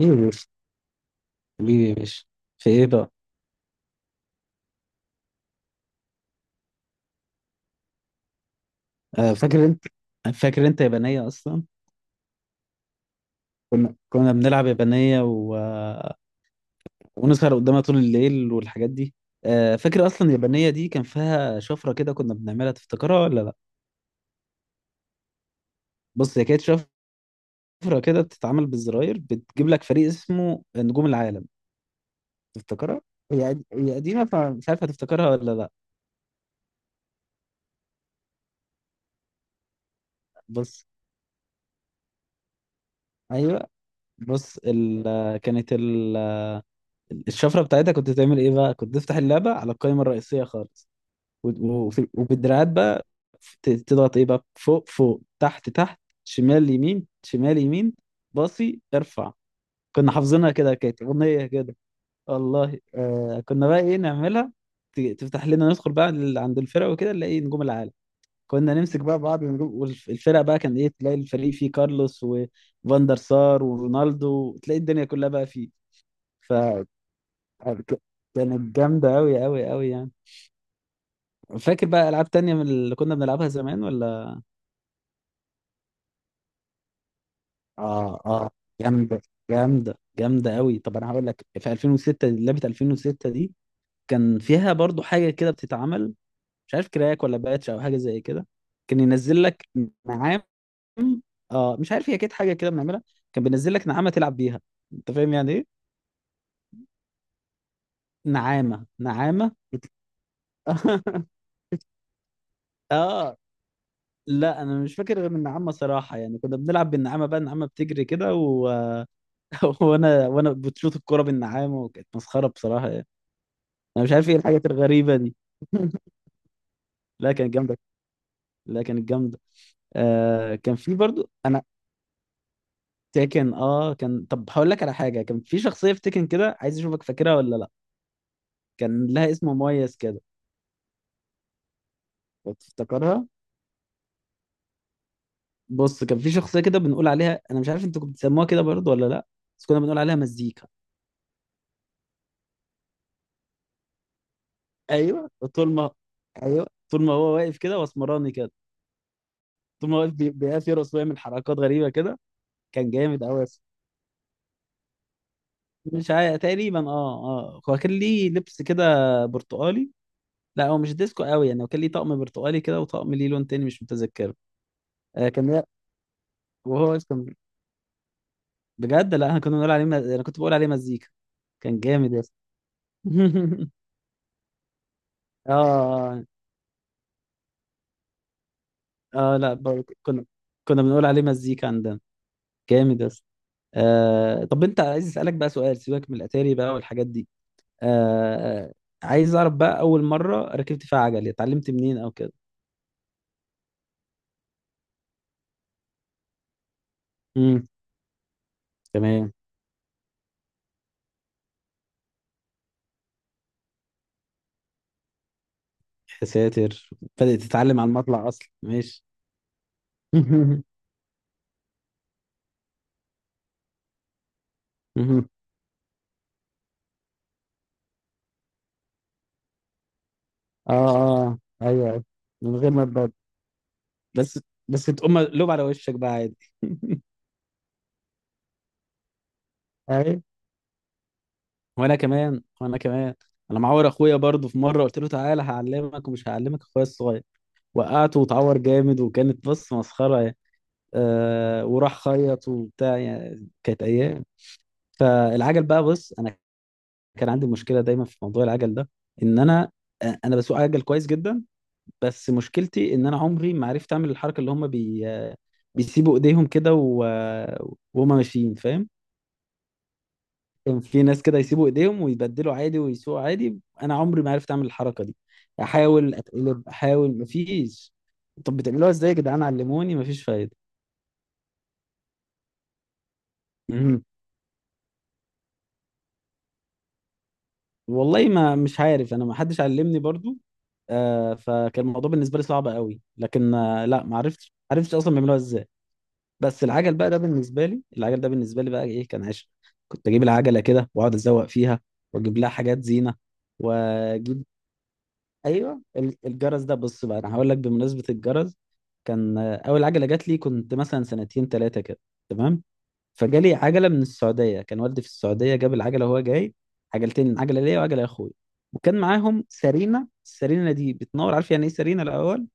ايه يا باشا. حبيبي يا باشا. في ايه بقى؟ فاكر انت، فاكر انت يابانية اصلا. كنا بنلعب يابانية ونسهر قدامها طول الليل والحاجات دي. فاكر اصلا اليابانية دي كان فيها شفرة كده كنا بنعملها، تفتكرها ولا لا؟ بص، هي كانت شفرة كده بتتعمل بالزراير، بتجيب لك فريق اسمه نجوم العالم. تفتكرها؟ هي قديمة، فمش عارف هتفتكرها ولا لا. بص، ايوه. بص ال... كانت ال... الشفرة بتاعتها كنت تعمل ايه بقى؟ كنت تفتح اللعبة على القائمة الرئيسية خالص، و- وفي وبالدراعات بقى تضغط ايه بقى؟ فوق فوق تحت تحت شمال يمين شمال يمين باصي ارفع. كنا حافظينها كده، كانت اغنيه كده. والله كنا بقى ايه نعملها، تفتح لنا ندخل بقى عند الفرق وكده نلاقي نجوم العالم. كنا نمسك بقى بعض النجوم، والفرق بقى كان ايه، تلاقي الفريق فيه كارلوس وفاندر سار ورونالدو، تلاقي الدنيا كلها بقى فيه. ف كانت جامده قوي قوي قوي يعني. فاكر بقى العاب تانية من اللي كنا بنلعبها زمان ولا؟ اه اه، جامده جامده جامده قوي. طب انا هقول لك، في 2006 لعبه 2006 دي كان فيها برضو حاجه كده بتتعمل، مش عارف كراك ولا باتش او حاجه زي كده، كان ينزل لك. نعام. اه مش عارف، هي كانت حاجه كده بنعملها، كان بينزل لك نعامه تلعب بيها. انت فاهم يعني ايه؟ نعامه، نعامه. اه. لا انا مش فاكر غير النعامه صراحه، يعني كنا بنلعب بالنعامه بقى، النعامه بتجري كده و... وانا بتشوط الكوره بالنعامه، وكانت مسخره بصراحه. انا مش عارف ايه الحاجات الغريبه دي. لا كانت جامده، لا كانت جامده. كان في برضو انا. تيكن اه، كان، طب هقول لك على حاجه، كان في شخصيه في تيكن كده عايز اشوفك فاكرها ولا لا، كان لها اسم مميز كده. تفتكرها؟ بص كان في شخصيه كده بنقول عليها، انا مش عارف انتوا كنتوا بتسموها كده برضو ولا لا، بس كنا بنقول عليها مزيكا. ايوه طول ما، ايوه طول ما هو واقف كده واسمراني كده، طول ما هو واقف بيقف يرقص ويعمل حركات غريبه كده. كان جامد قوي. مش عارف تقريبا، اه اه، هو كان ليه لبس كده برتقالي. لا هو مش ديسكو قوي يعني، هو كان ليه طقم برتقالي كده وطقم ليه لون تاني مش متذكره. آه كان لا- وهو كان، بجد لا احنا كنا بنقول عليه انا كنت بقول عليه مزيكا. كان جامد يا اسطى. اه اه، لا برضه كنا، كنا بنقول عليه مزيكا عندنا. جامد يا اسطى. آه طب، انت عايز اسالك بقى سؤال، سيبك من الاتاري بقى والحاجات دي. آه آه، عايز اعرف بقى، اول مره ركبت فيها عجل اتعلمت منين او كده؟ امم. تمام. يا ساتر، بدأت تتعلم على المطلع اصلا؟ ماشي. مهم. اه اه ايوه، أيوة. من غير ما تبدأ، بس بس تقوم مقلوب على وشك بقى عادي. ايوه. وانا كمان. انا معور اخويا برضه، في مره قلت له تعالى هعلمك، ومش هعلمك اخويا الصغير، وقعته وتعور جامد، وكانت بص مسخره يعني. وراح خيط وبتاع، يعني كانت ايام. فالعجل بقى، بص انا كان عندي مشكله دايما في موضوع العجل ده، ان انا، انا بسوق عجل كويس جدا، بس مشكلتي ان انا عمري ما عرفت اعمل الحركه اللي هم بيسيبوا ايديهم كده و... وهم ماشيين، فاهم؟ كان في ناس كده يسيبوا ايديهم ويبدلوا عادي ويسوقوا عادي، انا عمري ما عرفت اعمل الحركه دي، احاول اتقلب احاول مفيش. طب بتعملوها ازاي يا جدعان؟ علموني، مفيش فايده. مهم. والله ما مش عارف، انا ما حدش علمني برضو. آه فكان الموضوع بالنسبه لي صعب قوي، لكن آه لا ما عرفتش، عرفتش اصلا بيعملوها ازاي. بس العجل بقى ده بالنسبه لي، العجل ده بالنسبه لي بقى ايه، كان عشق. كنت اجيب العجله كده واقعد ازوق فيها، واجيب لها حاجات زينه، واجيب، ايوه الجرس ده، بص بقى انا هقول لك بمناسبه الجرس. كان اول عجله جات لي كنت مثلا سنتين ثلاثه كده. تمام. فجالي عجله من السعوديه، كان والدي في السعوديه جاب العجله وهو جاي، عجلتين، عجله ليا وعجله لاخويا، وكان معاهم سرينه، السرينه دي بتنور، عارف يعني ايه سرينه الاول؟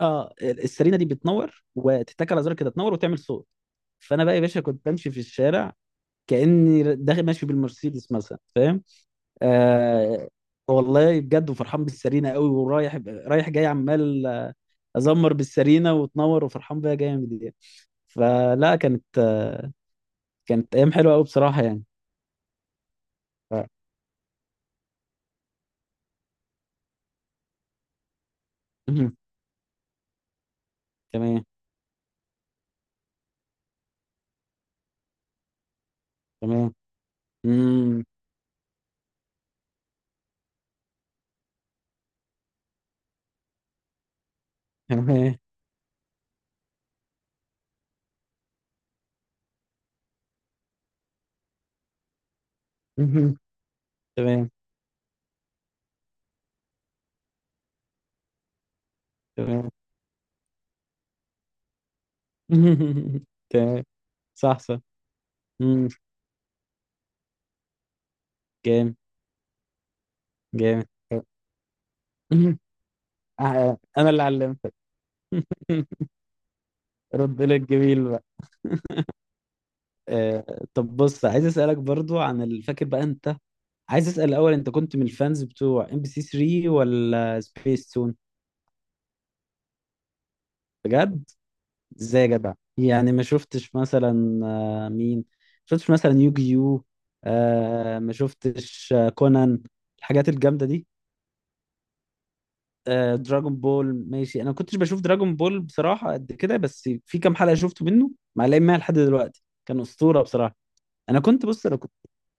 اه السرينه دي بتنور وتتك على زرار كده، تنور وتعمل صوت. فانا بقى يا باشا كنت بمشي في الشارع كاني داخل ماشي بالمرسيدس مثلا، فاهم؟ آه والله بجد، وفرحان بالسرينه قوي، ورايح رايح جاي عمال ازمر بالسرينه وتنور وفرحان بيها جامد يعني. فلا كانت آه، كانت ايام حلوه قوي بصراحه يعني. ف... مهم. تمام. تمام. مم. تمام. مهم. تمام. تمام. تمام. صح صح. مم. جامد. جامد. آه، انا اللي علمتك. رد لي الجميل بقى. طب بص، عايز اسالك برضو عن فاكر بقى انت، عايز اسال الاول، انت كنت من الفانز بتوع ام بي سي 3 ولا سبيس تون؟ بجد؟ ازاي يا جدع؟ يعني ما شفتش مثلا مين، ما شفتش مثلا يوجيو؟ آه ما شفتش كونان؟ الحاجات الجامده دي. آه دراجون بول، ماشي، انا ما كنتش بشوف دراجون بول بصراحه قد كده، بس في كام حلقه شفته منه معلقين معايا لحد دلوقتي، كان اسطوره بصراحه. انا كنت بص، انا كنت،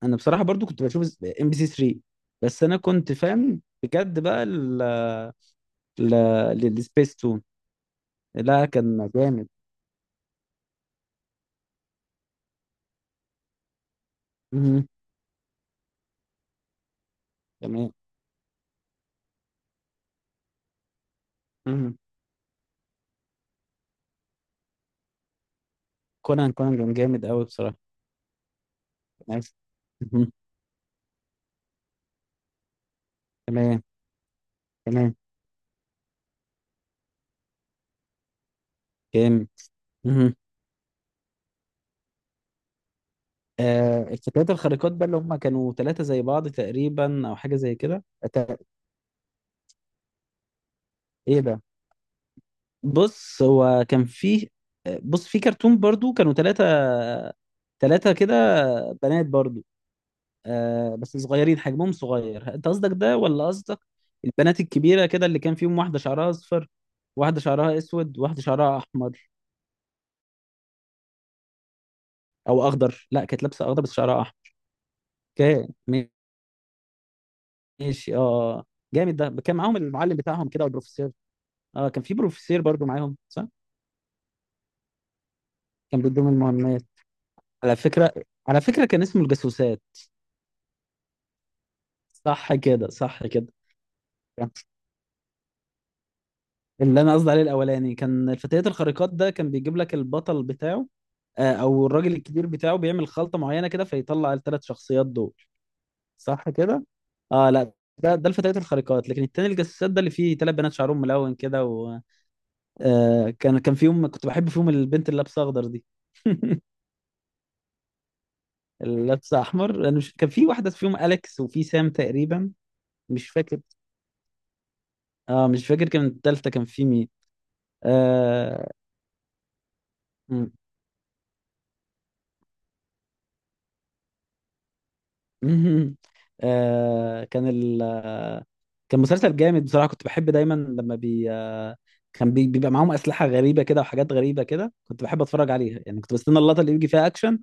انا بصراحه برضو كنت بشوف ام بي سي 3، بس انا كنت فاهم بجد بقى ال ال السبيس تون، لا كان جامد. مهم. تمام. مهم. كونان، كونان كان جامد قوي بصراحه. نايس. مهم. تمام. تمام. جامد. مهم. آه الفتيات الخارقات بقى، اللي هم كانوا ثلاثه زي بعض تقريبا او حاجه زي كده. ايه ده؟ بص هو كان فيه، بص في كرتون برضو كانوا ثلاثة، ثلاثة كده، بنات برضو، آه بس صغيرين حجمهم صغير. انت قصدك ده ولا قصدك البنات الكبيرة كده اللي كان فيهم واحدة شعرها اصفر، واحدة شعرها اسود، واحدة شعرها احمر او اخضر؟ لا كانت لابسة اخضر بس شعرها احمر. اوكي ماشي اه، جامد. ده كان معاهم المعلم بتاعهم كده والبروفيسور. اه كان في بروفيسور برضو معاهم صح، كان بيديهم المهمات. على فكرة، على فكرة كان اسمه الجاسوسات. صح كده، صح كده. اللي انا قصدي عليه الاولاني كان الفتيات الخارقات، ده كان بيجيب لك البطل بتاعه، او الراجل الكبير بتاعه بيعمل خلطة معينة كده فيطلع الثلاث شخصيات دول. صح كده. اه لا، ده الفتيات الخارقات، لكن التاني الجساسات ده اللي فيه ثلاث بنات شعرهم ملون كده و، كان فيهم كنت بحب فيهم البنت اللي لابسه اخضر دي. اللي لابسه احمر، انا مش، كان في واحده فيهم اليكس وفي سام تقريبا. مش فاكر. اه مش فاكر، كان التالتة كان في مين؟ آه. مهم. آه كان ال آه، كان مسلسل جامد بصراحة، كنت بحب دايما لما بي آه كان بي بيبقى معاهم أسلحة غريبة كده وحاجات غريبة كده، كنت بحب أتفرج عليها، يعني كنت بستنى اللقطة اللي يجي فيها أكشن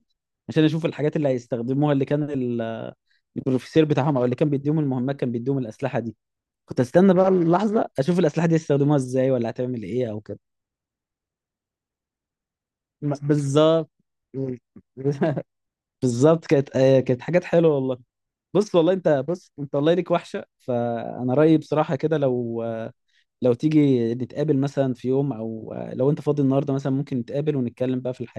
عشان أشوف الحاجات اللي هيستخدموها، اللي كان البروفيسور بتاعهم أو اللي كان بيديهم المهمات كان بيديهم الأسلحة دي. كنت أستنى بقى اللحظة أشوف الأسلحة دي هيستخدموها إزاي ولا هتعمل إيه أو كده. بالظبط. بالظبط، كانت حاجات حلوة والله. بص والله انت، بص انت والله ليك وحشه، فانا رايي بصراحه كده، لو، لو تيجي نتقابل مثلا في يوم، او لو انت فاضي النهارده مثلا ممكن نتقابل ونتكلم بقى في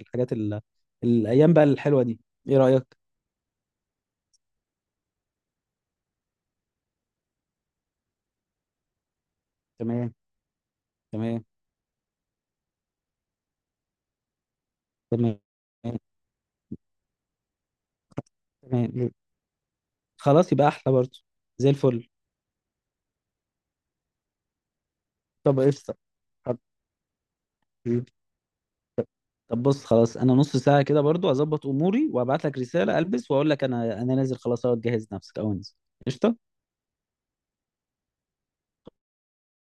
الحاجات ال... الايام بقى الحلوه دي، ايه رايك؟ تمام. تمام. تمام. تمام. خلاص يبقى احلى برضه، زي الفل. طب قشطه. حبيبي. طب بص خلاص، انا نص ساعه كده برضه اظبط اموري وابعت لك رساله البس واقول لك، انا نازل خلاص اهو، تجهز نفسك او انزل. قشطه.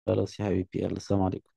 خلاص يا حبيبي، يلا سلام عليكم.